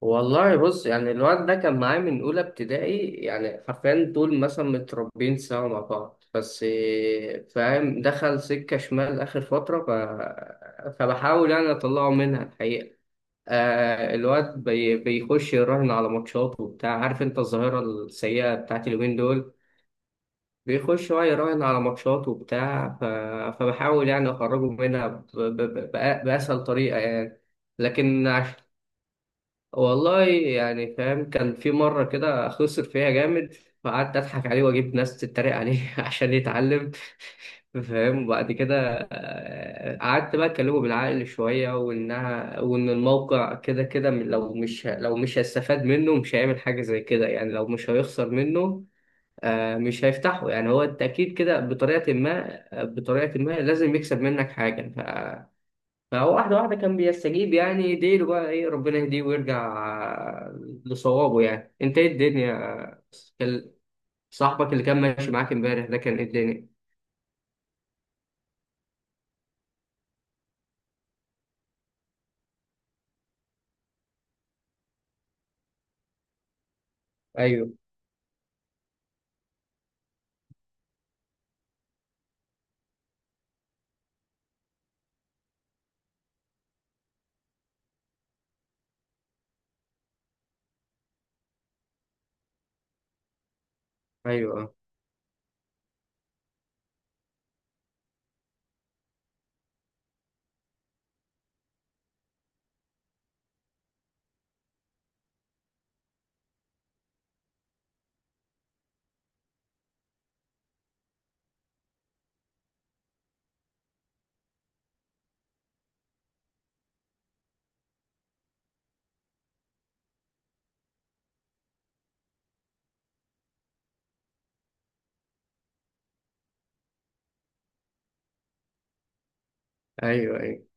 والله بص يعني الواد ده كان معايا من أولى ابتدائي. يعني حرفيا دول مثلا متربيين سوا مع بعض. بس إيه، فاهم، دخل سكة شمال آخر فترة فبحاول يعني أطلعه منها الحقيقة. الواد بيخش يراهن على ماتشات وبتاع. عارف أنت الظاهرة السيئة بتاعت اليومين دول. بيخش بقى يراهن على ماتشات وبتاع فبحاول يعني أخرجه منها بأسهل طريقة يعني. لكن عشان والله يعني فاهم كان في مرة كده خسر فيها جامد، فقعدت أضحك عليه وأجيب ناس تتريق عليه عشان يتعلم. فاهم؟ وبعد كده قعدت بقى أكلمه بالعقل شوية، وإنها وإن الموقع كده كده لو مش هيستفاد منه مش هيعمل حاجة زي كده، يعني لو مش هيخسر منه مش هيفتحه. يعني هو أنت أكيد كده بطريقة ما بطريقة ما لازم يكسب منك حاجة. فهو واحدة واحدة كان بيستجيب، يعني يديله بقى إيه، ربنا يهديه ويرجع لصوابه. يعني أنت إيه الدنيا؟ كان صاحبك اللي كان ماشي معاك إمبارح ده كان إيه الدنيا؟ أيوه أيوه. أيوه أيوه.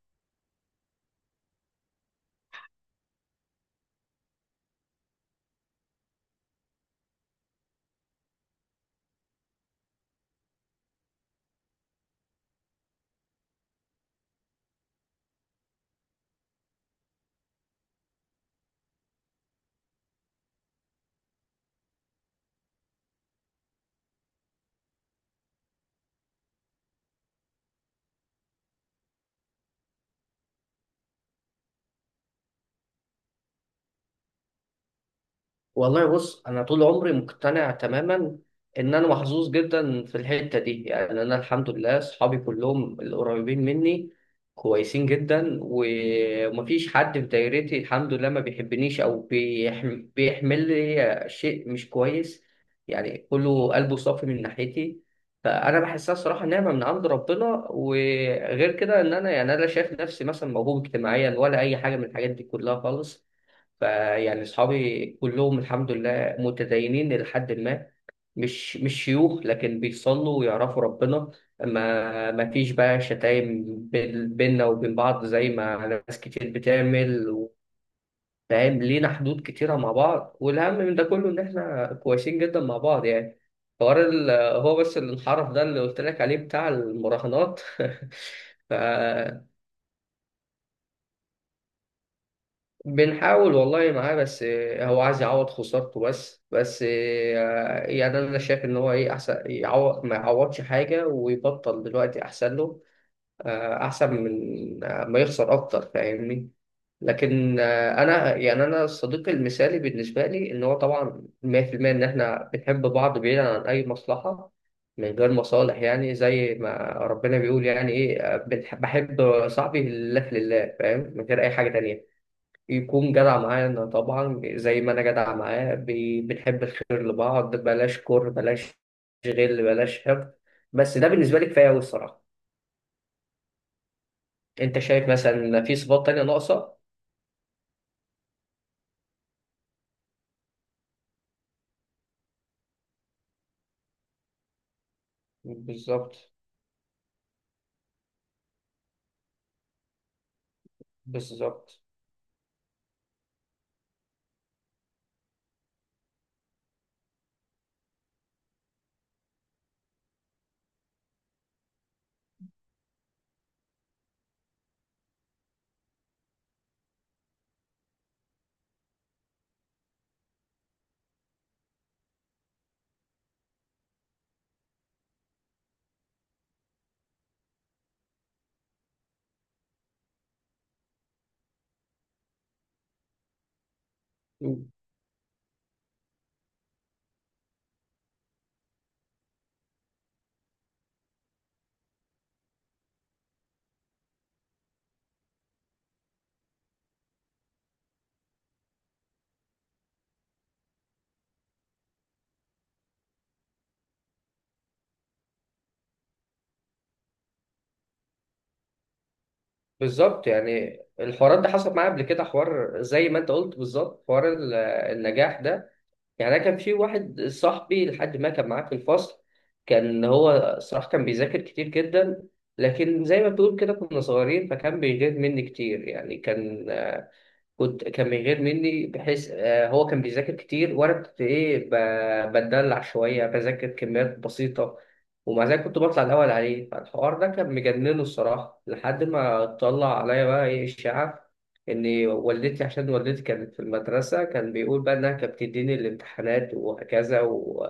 والله بص، انا طول عمري مقتنع تماما ان انا محظوظ جدا في الحته دي. يعني انا الحمد لله اصحابي كلهم القريبين مني كويسين جدا، ومفيش حد في دايرتي الحمد لله ما بيحبنيش او بيحمل لي شيء مش كويس. يعني كله قلبه صافي من ناحيتي، فانا بحسها صراحه نعمه من عند ربنا. وغير كده ان انا يعني انا لا شايف نفسي مثلا موهوب اجتماعيا ولا اي حاجه من الحاجات دي كلها خالص. فيعني أصحابي كلهم الحمد لله متدينين إلى حد ما، مش شيوخ لكن بيصلوا ويعرفوا ربنا. ما فيش بقى شتايم بيننا وبين بعض زي ما ناس كتير بتعمل. فاهم؟ لينا حدود كتيرة مع بعض، والأهم من ده كله إن إحنا كويسين جدا مع بعض. يعني حوار ال- هو بس الانحراف ده اللي قلت لك عليه بتاع المراهنات ف بنحاول والله معاه. بس هو عايز يعوض خسارته، بس بس يعني انا شايف ان هو ايه، احسن يعوض ما يعوضش حاجه ويبطل دلوقتي احسن له. احسن من ما يخسر اكتر. فاهمني؟ لكن انا يعني انا صديقي المثالي بالنسبه لي ان هو طبعا 100% ان احنا بنحب بعض بعيدا عن اي مصلحه، من غير مصالح. يعني زي ما ربنا بيقول، يعني ايه، بحب صاحبي لله في لله. فاهم؟ من غير اي حاجه تانية. يكون جدع معانا طبعا زي ما انا جدع معاه، بنحب الخير لبعض، بلاش كره، بلاش غل، بلاش حقد. بس ده بالنسبه لي كفايه قوي الصراحه. انت شايف مثلا في صفات تانية ناقصه؟ بالظبط. بالظبط. بالظبط، يعني الحوارات ده حصلت معايا قبل كده. حوار زي ما انت قلت بالظبط، النجاح ده. يعني انا كان في واحد صاحبي لحد ما كان معاه في الفصل. كان هو صراحة كان بيذاكر كتير جدا. لكن زي ما بتقول كده كنا صغيرين، فكان بيغير مني كتير. يعني كان من غير مني بحيث هو كان بيذاكر كتير وانا كنت ايه بتدلع شويه، بذاكر كميات بسيطه، ومع ذلك كنت بطلع الاول عليه. فالحوار ده كان مجننه الصراحه لحد ما طلع عليا بقى ايه، اشاعه ان والدتي، عشان والدتي كانت في المدرسه، كان بيقول بقى انها كانت بتديني الامتحانات وهكذا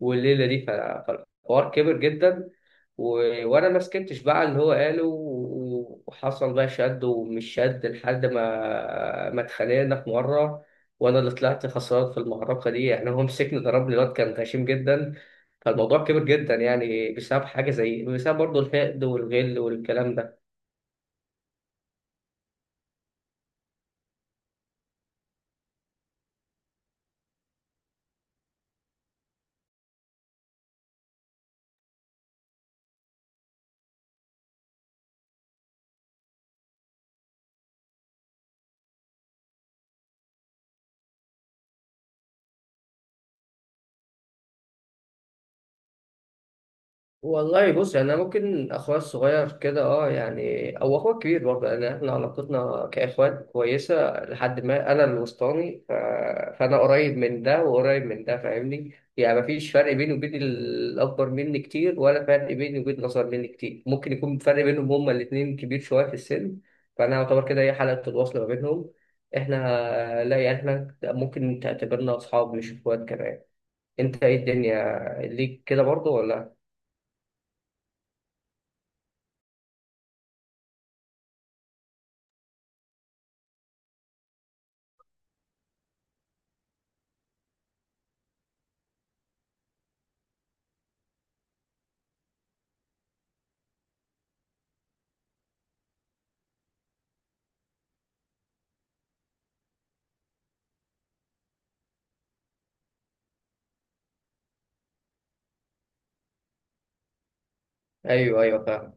والليله دي فالحوار كبر جدا. وانا ما سكتش بقى على اللي هو قاله، وحصل بقى شد ومش شد لحد ما اتخانقنا في مره، وانا اللي طلعت خسران في المعركه دي. يعني هو مسكني ضربني، الواد كان غشيم جدا. فالموضوع كبر جدا يعني بسبب حاجه زي، بسبب برضه الحقد والغل والكلام ده. والله بص يعني انا ممكن اخويا الصغير كده اه يعني، او اخويا الكبير برضه. يعني احنا علاقتنا كاخوات كويسه لحد ما انا الوسطاني فانا قريب من ده وقريب من ده. فاهمني؟ يعني مفيش فرق بيني وبين الاكبر مني كتير، ولا فرق بيني وبين الاصغر مني كتير. ممكن يكون فرق بينهم هما الاثنين كبير شويه في السن. فانا اعتبر كده هي حلقه الوصل ما بينهم. احنا لا، يعني احنا ممكن تعتبرنا اصحاب مش اخوات كمان. انت ايه الدنيا ليك كده برضه ولا؟ ايوه ايوه فاهم.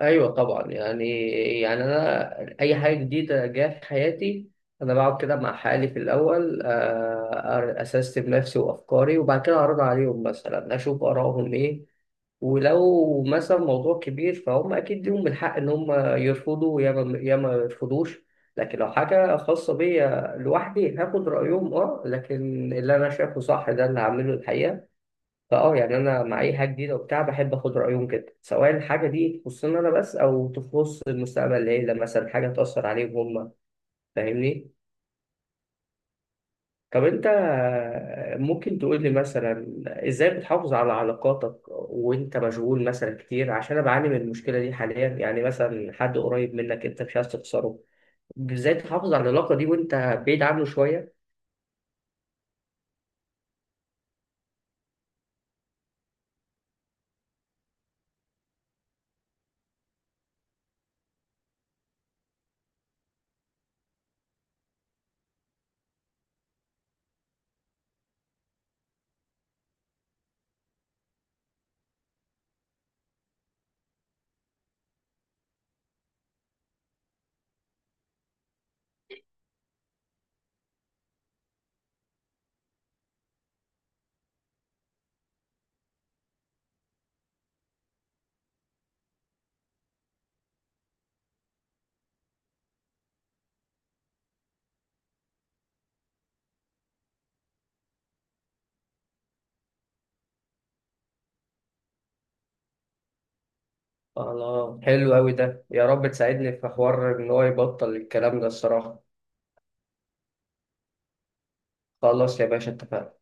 ايوه طبعا. يعني انا اي حاجه جديده جايه في حياتي، انا بقعد كده مع حالي في الاول، اسستم نفسي وافكاري، وبعد كده اعرض عليهم مثلا، اشوف ارائهم ايه. ولو مثلا موضوع كبير فهم اكيد ليهم الحق ان هم يرفضوا يا ما يرفضوش. لكن لو حاجه خاصه بيا لوحدي هاخد رايهم، اه، لكن اللي انا شايفه صح ده اللي هعمله الحقيقه. فاه يعني انا مع اي حاجه جديده وبتاع بحب اخد رايهم كده، سواء الحاجه دي تخصني انا بس او تخص المستقبل، العيله مثلا حاجه تاثر عليهم هم. فاهمني؟ طب انت ممكن تقول لي مثلا، ازاي بتحافظ على علاقاتك وانت مشغول مثلا كتير؟ عشان انا بعاني من المشكله دي حاليا. يعني مثلا حد قريب منك انت مش عايز تخسره، ازاي تحافظ على العلاقه دي وانت بعيد عنه شويه؟ الله، حلو قوي ده. يا رب تساعدني في حوار ان هو يبطل الكلام ده الصراحه. خلاص يا باشا، اتفقنا.